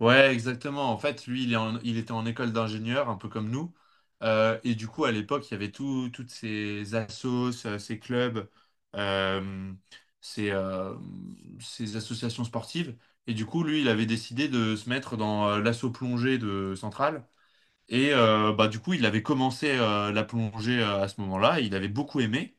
Ouais, exactement. En fait, lui, il était en école d'ingénieur, un peu comme nous. Et du coup, à l'époque, il y avait toutes ces assos, ces clubs, euh, ces, euh, ces associations sportives. Et du coup, lui, il avait décidé de se mettre dans l'asso plongée de Centrale. Et du coup, il avait commencé la plongée à ce moment-là. Il avait beaucoup aimé.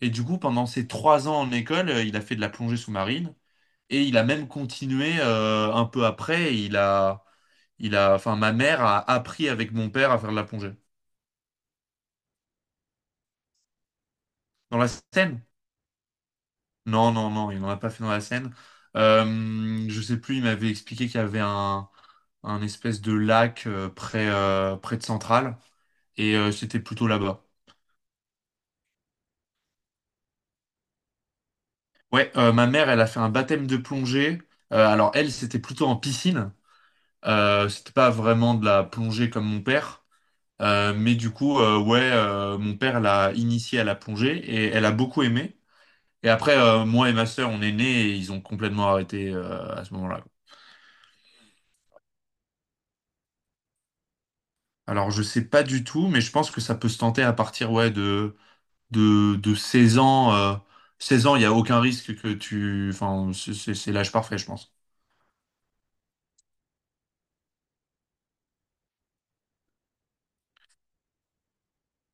Et du coup, pendant ses trois ans en école, il a fait de la plongée sous-marine. Et il a même continué un peu après. Enfin, ma mère a appris avec mon père à faire de la plongée. Dans la Seine? Non, non, non, il n'en a pas fait dans la Seine. Je sais plus, il m'avait expliqué qu'il y avait un espèce de lac près, près de Centrale, et c'était plutôt là-bas. Ouais, ma mère, elle a fait un baptême de plongée. Alors elle, c'était plutôt en piscine. C'était pas vraiment de la plongée comme mon père. Mais du coup, ouais, mon père l'a initiée à la plongée et elle a beaucoup aimé. Et après, moi et ma sœur, on est nés et ils ont complètement arrêté à ce moment-là. Alors, je sais pas du tout, mais je pense que ça peut se tenter à partir ouais, de 16 ans. 16 ans, il n'y a aucun risque que tu... Enfin, c'est l'âge parfait, je pense.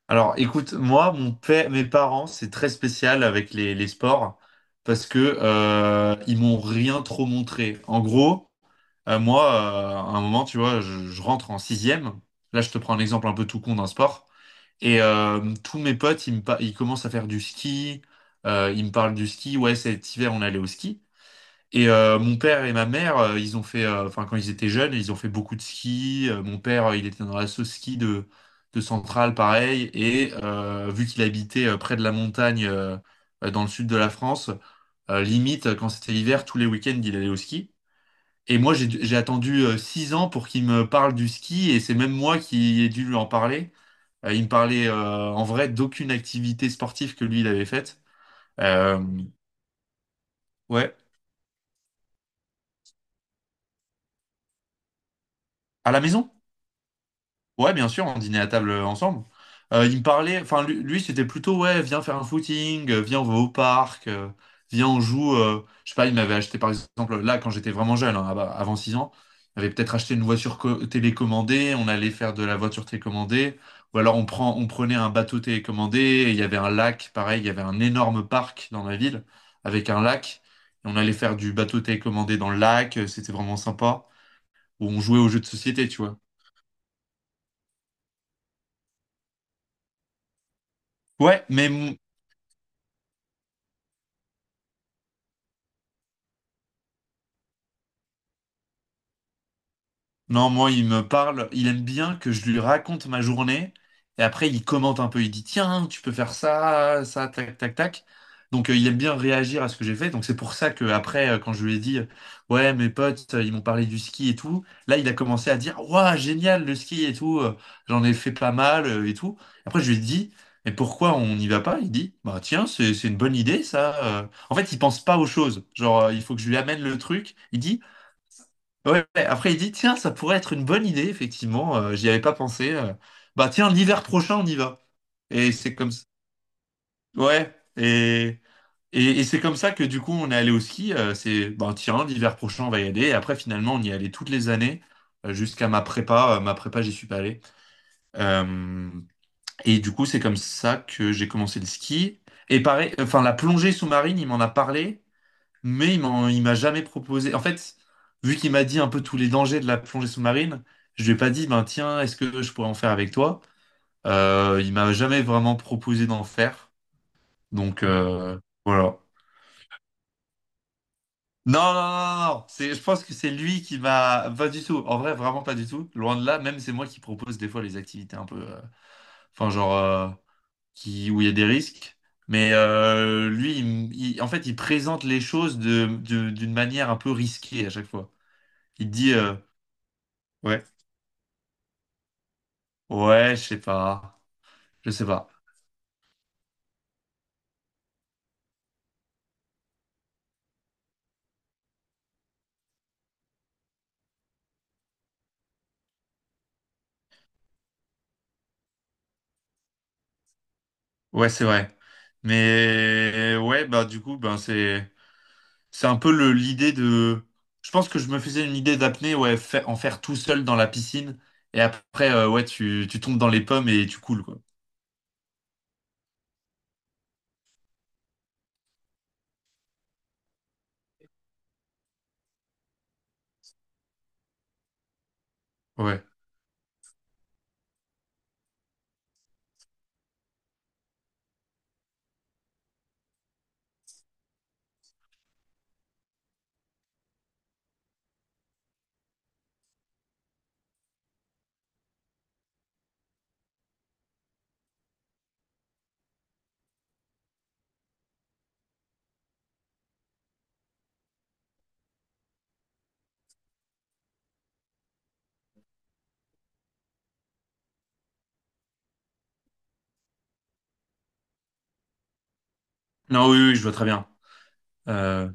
Alors, écoute, moi, mon père, mes parents, c'est très spécial avec les sports parce que ils m'ont rien trop montré. En gros, moi, à un moment, tu vois, je rentre en sixième. Là, je te prends un exemple un peu tout con d'un sport. Et tous mes potes, ils commencent à faire du ski. Ils me parlent du ski. Ouais, cet hiver, on allait au ski. Et mon père et ma mère, enfin, quand ils étaient jeunes, ils ont fait beaucoup de ski. Mon père, il était dans l'asso ski de Centrale, pareil. Et vu qu'il habitait près de la montagne, dans le sud de la France, limite, quand c'était l'hiver, tous les week-ends, il allait au ski. Et moi, j'ai attendu six ans pour qu'il me parle du ski. Et c'est même moi qui ai dû lui en parler. Il me parlait en vrai d'aucune activité sportive que lui il avait faite. Euh, ouais, à la maison? Ouais, bien sûr, on dînait à table ensemble. Il me parlait, lui, c'était plutôt ouais, viens faire un footing, viens on va au parc, viens on joue. Je sais pas, il m'avait acheté par exemple là quand j'étais vraiment jeune, hein, avant 6 ans, il m'avait peut-être acheté une voiture télécommandée, on allait faire de la voiture télécommandée, ou alors on prenait un bateau télécommandé, et il y avait un lac, pareil, il y avait un énorme parc dans ma ville avec un lac, et on allait faire du bateau télécommandé dans le lac, c'était vraiment sympa, où on jouait aux jeux de société, tu vois. Ouais, mais m- Non, moi, il me parle, il aime bien que je lui raconte ma journée, et après, il commente un peu, il dit, tiens, tu peux faire ça, ça, tac, tac, tac. Donc, il aime bien réagir à ce que j'ai fait. Donc, c'est pour ça que après, quand je lui ai dit, ouais, mes potes, ils m'ont parlé du ski et tout, là, il a commencé à dire, waouh, génial, le ski et tout, j'en ai fait pas mal et tout. Après, je lui ai dit, mais pourquoi on n'y va pas? Il dit, bah, tiens, c'est une bonne idée, ça. En fait, il pense pas aux choses. Genre, il faut que je lui amène le truc. Il dit, ouais, ouais. Après il dit, tiens, ça pourrait être une bonne idée, effectivement, j'y avais pas pensé. Bah tiens, l'hiver prochain, on y va. Et c'est comme ça. Ouais, et c'est comme ça que du coup, on est allé au ski. C'est, bah tiens, l'hiver prochain, on va y aller. Et après, finalement, on y allait toutes les années, jusqu'à ma prépa. Ma prépa, j'y suis pas allé. Euh, et du coup, c'est comme ça que j'ai commencé le ski. Et pareil, enfin, la plongée sous-marine, il m'en a parlé. Mais il m'a jamais proposé. En fait, vu qu'il m'a dit un peu tous les dangers de la plongée sous-marine, je lui ai pas dit, ben tiens, est-ce que je pourrais en faire avec toi? Il m'a jamais vraiment proposé d'en faire. Donc, voilà. Non, non, non, non, non. Je pense que c'est lui qui m'a. Pas du tout. En vrai, vraiment pas du tout. Loin de là, même c'est moi qui propose des fois les activités un peu. Enfin, genre. Qui... où il y a des risques. Mais lui, en fait, il présente les choses d'une manière un peu risquée à chaque fois. Il dit. Ouais. Ouais, je sais pas. Je sais pas. Ouais, c'est vrai. Mais ouais, bah du coup, ben c'est un peu le l'idée de. Je pense que je me faisais une idée d'apnée, ouais, en faire tout seul dans la piscine. Et après, ouais, tu tombes dans les pommes et tu coules, quoi. Ouais. Non, oui, oui, je vois très bien. Euh,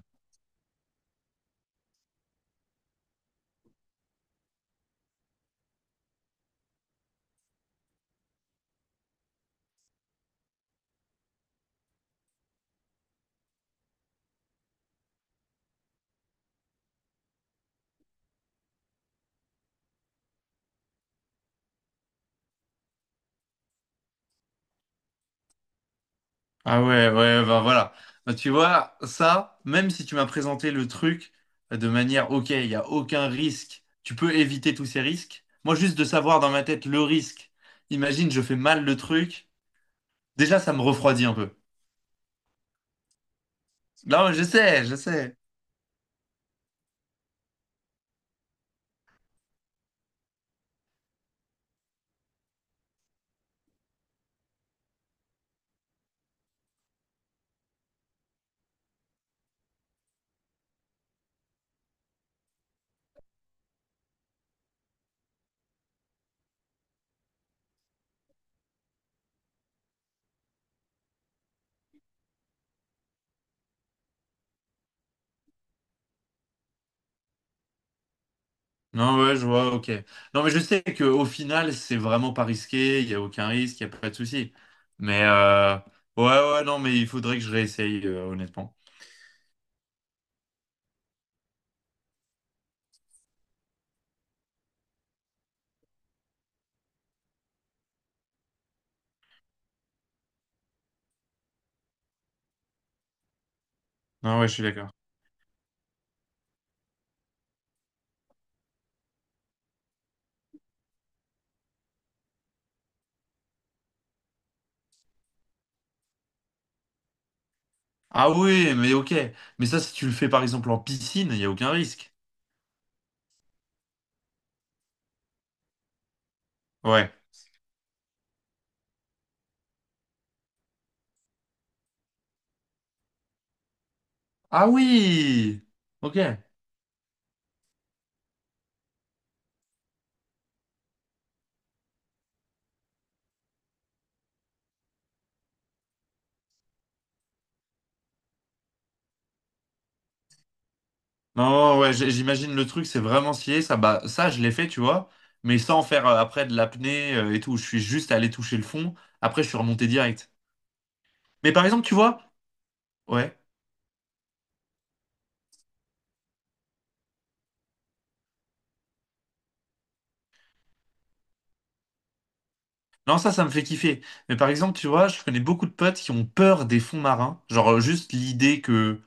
Ah ouais, ouais, ouais, bah voilà. Bah, tu vois, ça, même si tu m'as présenté le truc de manière, ok, il n'y a aucun risque, tu peux éviter tous ces risques. Moi, juste de savoir dans ma tête le risque, imagine, je fais mal le truc, déjà, ça me refroidit un peu. Non, mais je sais, je sais. Non, ouais, je vois, ok. Non, mais je sais qu'au final, c'est vraiment pas risqué, il n'y a aucun risque, il n'y a pas de souci. Mais, euh, ouais, ouais, non, mais il faudrait que je réessaye, honnêtement. Non, ouais, je suis d'accord. Ah oui, mais ok. Mais ça, si tu le fais par exemple en piscine, il n'y a aucun risque. Ouais. Ah oui! Ok. Non, non, ouais, j'imagine le truc, c'est vraiment scié. Ça, bah, ça, je l'ai fait, tu vois. Mais sans faire après de l'apnée et tout. Je suis juste allé toucher le fond. Après, je suis remonté direct. Mais par exemple, tu vois. Ouais. Non, ça me fait kiffer. Mais par exemple, tu vois, je connais beaucoup de potes qui ont peur des fonds marins. Genre, juste l'idée que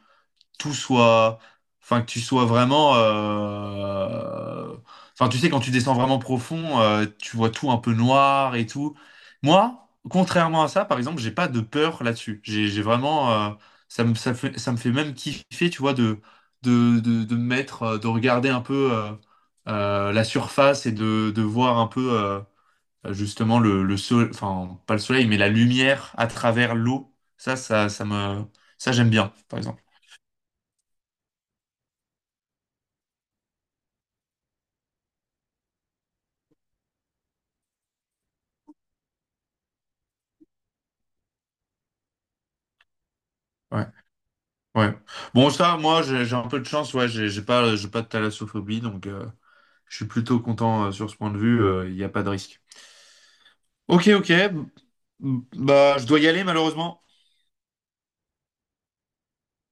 tout soit, enfin que tu sois vraiment, enfin tu sais quand tu descends vraiment profond, tu vois tout un peu noir et tout. Moi, contrairement à ça, par exemple, j'ai pas de peur là-dessus. J'ai vraiment, ça me fait même kiffer, tu vois, de me mettre, de regarder un peu la surface et de voir un peu justement le soleil, enfin pas le soleil, mais la lumière à travers l'eau. Ça, ça, ça me, Ça j'aime bien, par exemple. Ouais. Ouais. Bon, ça, moi, j'ai un peu de chance. Ouais, j'ai pas de thalassophobie, donc, je suis plutôt content sur ce point de vue. Il n'y a pas de risque. Ok, ok. Bah, je dois y aller malheureusement.